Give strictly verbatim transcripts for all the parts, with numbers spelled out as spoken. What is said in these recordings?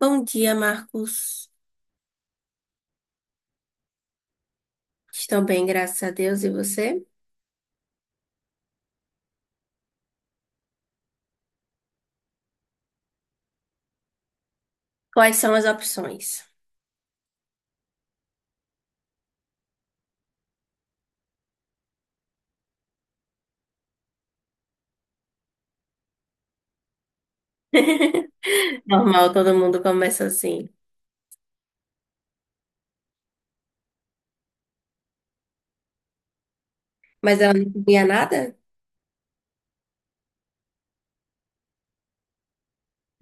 Bom dia, Marcos. Estou bem, graças a Deus. E você? Quais são as opções? Normal, todo mundo começa assim. Mas ela não comia nada?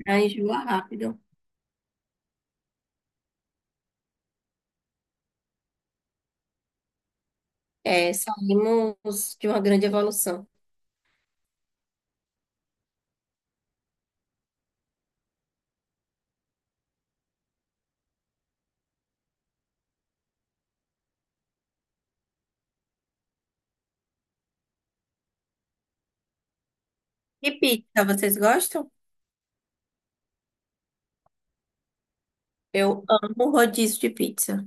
Ela enjoa rápido. É, saímos de uma grande evolução. E pizza, vocês gostam? Eu amo rodízio de pizza.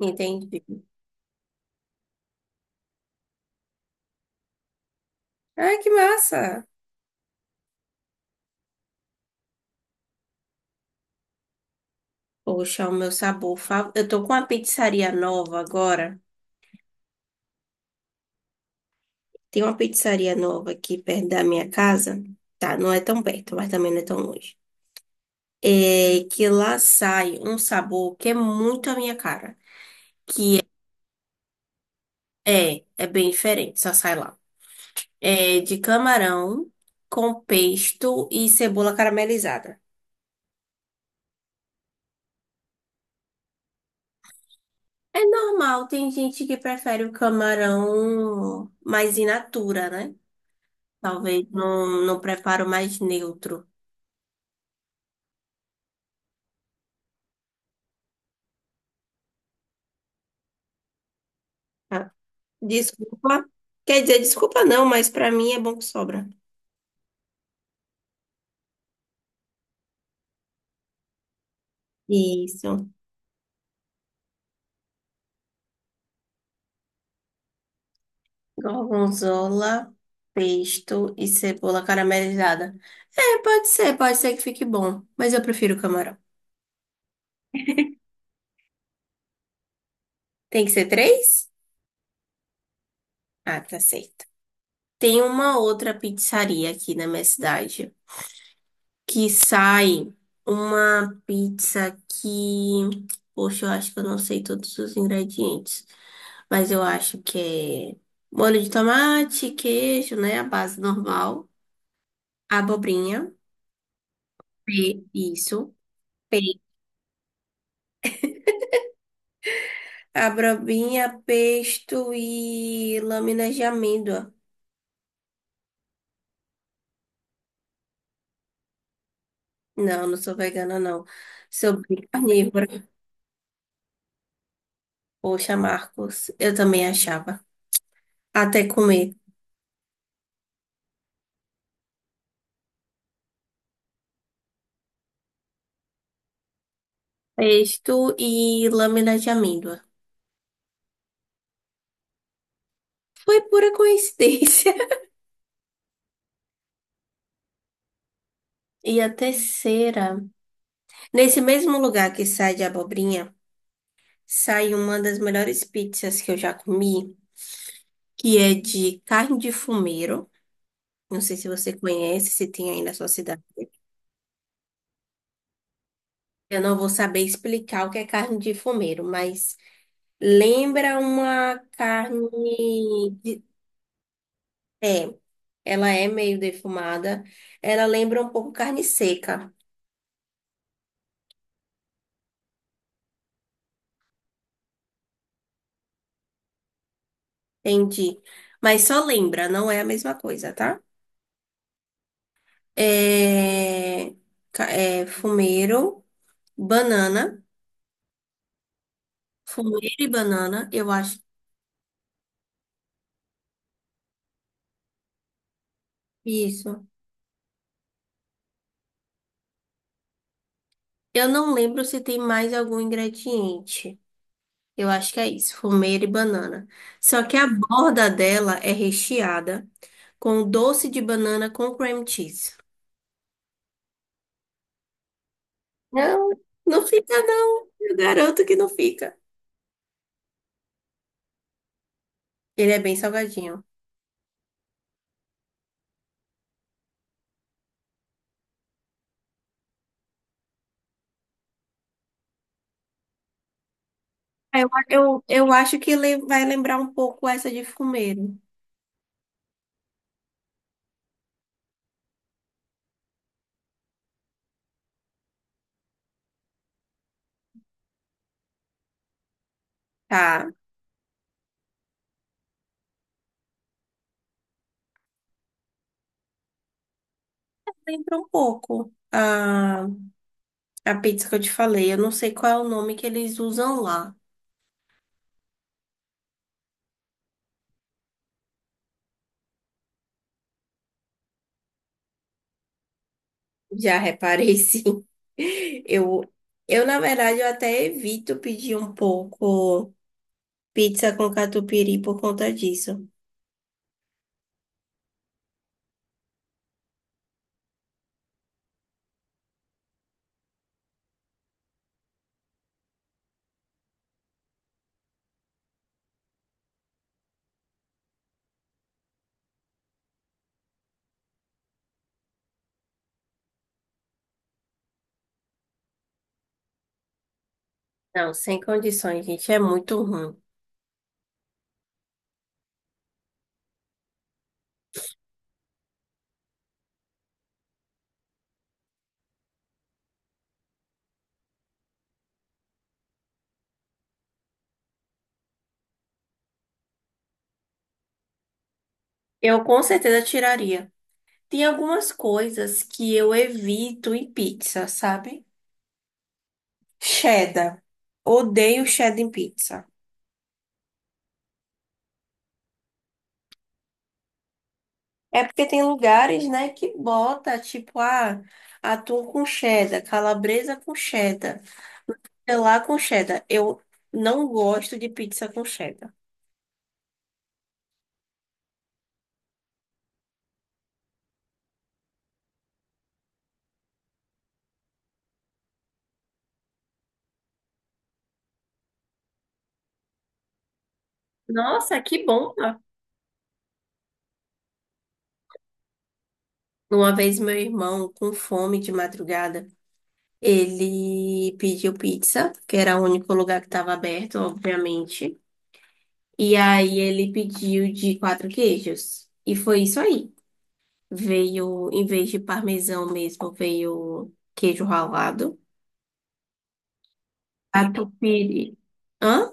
Entendi. Ai, que massa! Poxa, o meu sabor favorito. Eu tô com uma pizzaria nova agora. Tem uma pizzaria nova aqui perto da minha casa. Tá, não é tão perto, mas também não é tão longe. É que lá sai um sabor que é muito a minha cara. É, é bem diferente, só sai lá. É de camarão com pesto e cebola caramelizada. É normal, tem gente que prefere o camarão mais in natura, né? Talvez num, num preparo mais neutro. Ah, desculpa. Quer dizer, desculpa não, mas pra mim é bom que sobra. Isso. Gorgonzola, pesto e cebola caramelizada. É, pode ser, pode ser que fique bom, mas eu prefiro camarão. Tem que ser três? Ah, tá certo. Tem uma outra pizzaria aqui na minha cidade que sai uma pizza que, poxa, eu acho que eu não sei todos os ingredientes, mas eu acho que é molho de tomate, queijo, né, a base normal, abobrinha, pe- isso. Abobrinha, pesto e lâminas de amêndoa. Não, não sou vegana, não. Sou bem carnívora. Poxa, Marcos, eu também achava. Até comer pesto e lâminas de amêndoa. Foi pura coincidência. E a terceira. Nesse mesmo lugar que sai de abobrinha, sai uma das melhores pizzas que eu já comi, que é de carne de fumeiro. Não sei se você conhece, se tem aí na sua cidade. Eu não vou saber explicar o que é carne de fumeiro, mas lembra uma carne. de- É, ela é meio defumada. Ela lembra um pouco carne seca, entendi. Mas só lembra, não é a mesma coisa, tá? É, ca- é fumeiro, banana. Fumeiro e banana, eu acho. Que isso. Eu não lembro se tem mais algum ingrediente. Eu acho que é isso, fumeira e banana. Só que a borda dela é recheada com doce de banana com cream cheese. Não, não fica não. Eu garanto que não fica. Ele é bem salgadinho. Eu, eu, eu acho que ele vai lembrar um pouco essa de fumeira. Tá, lembra um pouco a, a pizza que eu te falei. Eu não sei qual é o nome que eles usam lá. Já reparei, sim. Eu, eu, Na verdade, eu até evito pedir um pouco. Pizza com catupiry por conta disso. Não, sem condições, gente. É muito ruim. Eu com certeza tiraria. Tem algumas coisas que eu evito em pizza, sabe? Cheddar. Odeio cheddar em pizza. É porque tem lugares, né, que bota, tipo, ah, atum com cheddar, calabresa com cheddar, sei lá com cheddar. Eu não gosto de pizza com cheddar. Nossa, que bom! Uma vez meu irmão, com fome de madrugada, ele pediu pizza, que era o único lugar que estava aberto, obviamente. E aí ele pediu de quatro queijos. E foi isso aí. Veio, em vez de parmesão mesmo, veio queijo ralado. Catupiry. Hã?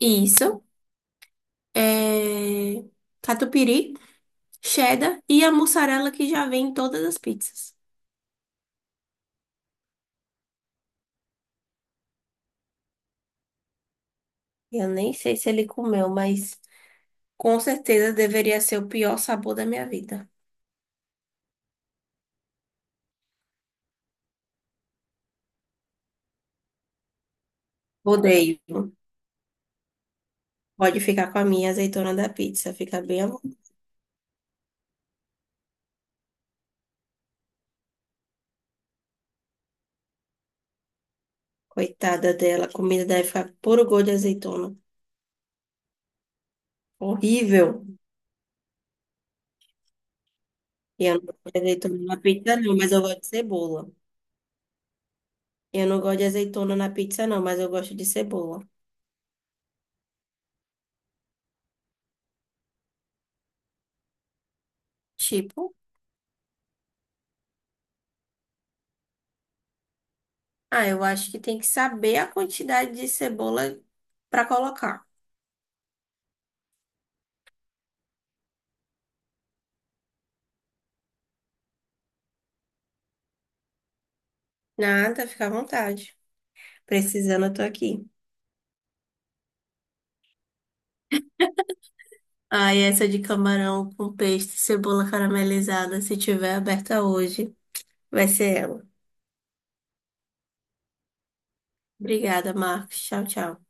Isso. É... Catupiry, cheddar e a mussarela que já vem em todas as pizzas. Eu nem sei se ele comeu, mas com certeza deveria ser o pior sabor da minha vida. Odeio. Pode ficar com a minha azeitona da pizza. Fica bem, à coitada dela. A comida deve ficar puro gosto de azeitona. Horrível. E eu não gosto de azeitona na pizza, não, mas eu gosto de cebola. Eu não gosto de azeitona na pizza, não, mas eu gosto de cebola. Tipo, ah, eu acho que tem que saber a quantidade de cebola pra colocar. Nada, fica à vontade. Precisando, eu tô aqui. Ah, e essa de camarão com peixe, cebola caramelizada, se tiver aberta hoje, vai ser ela. Obrigada, Marcos. Tchau, tchau.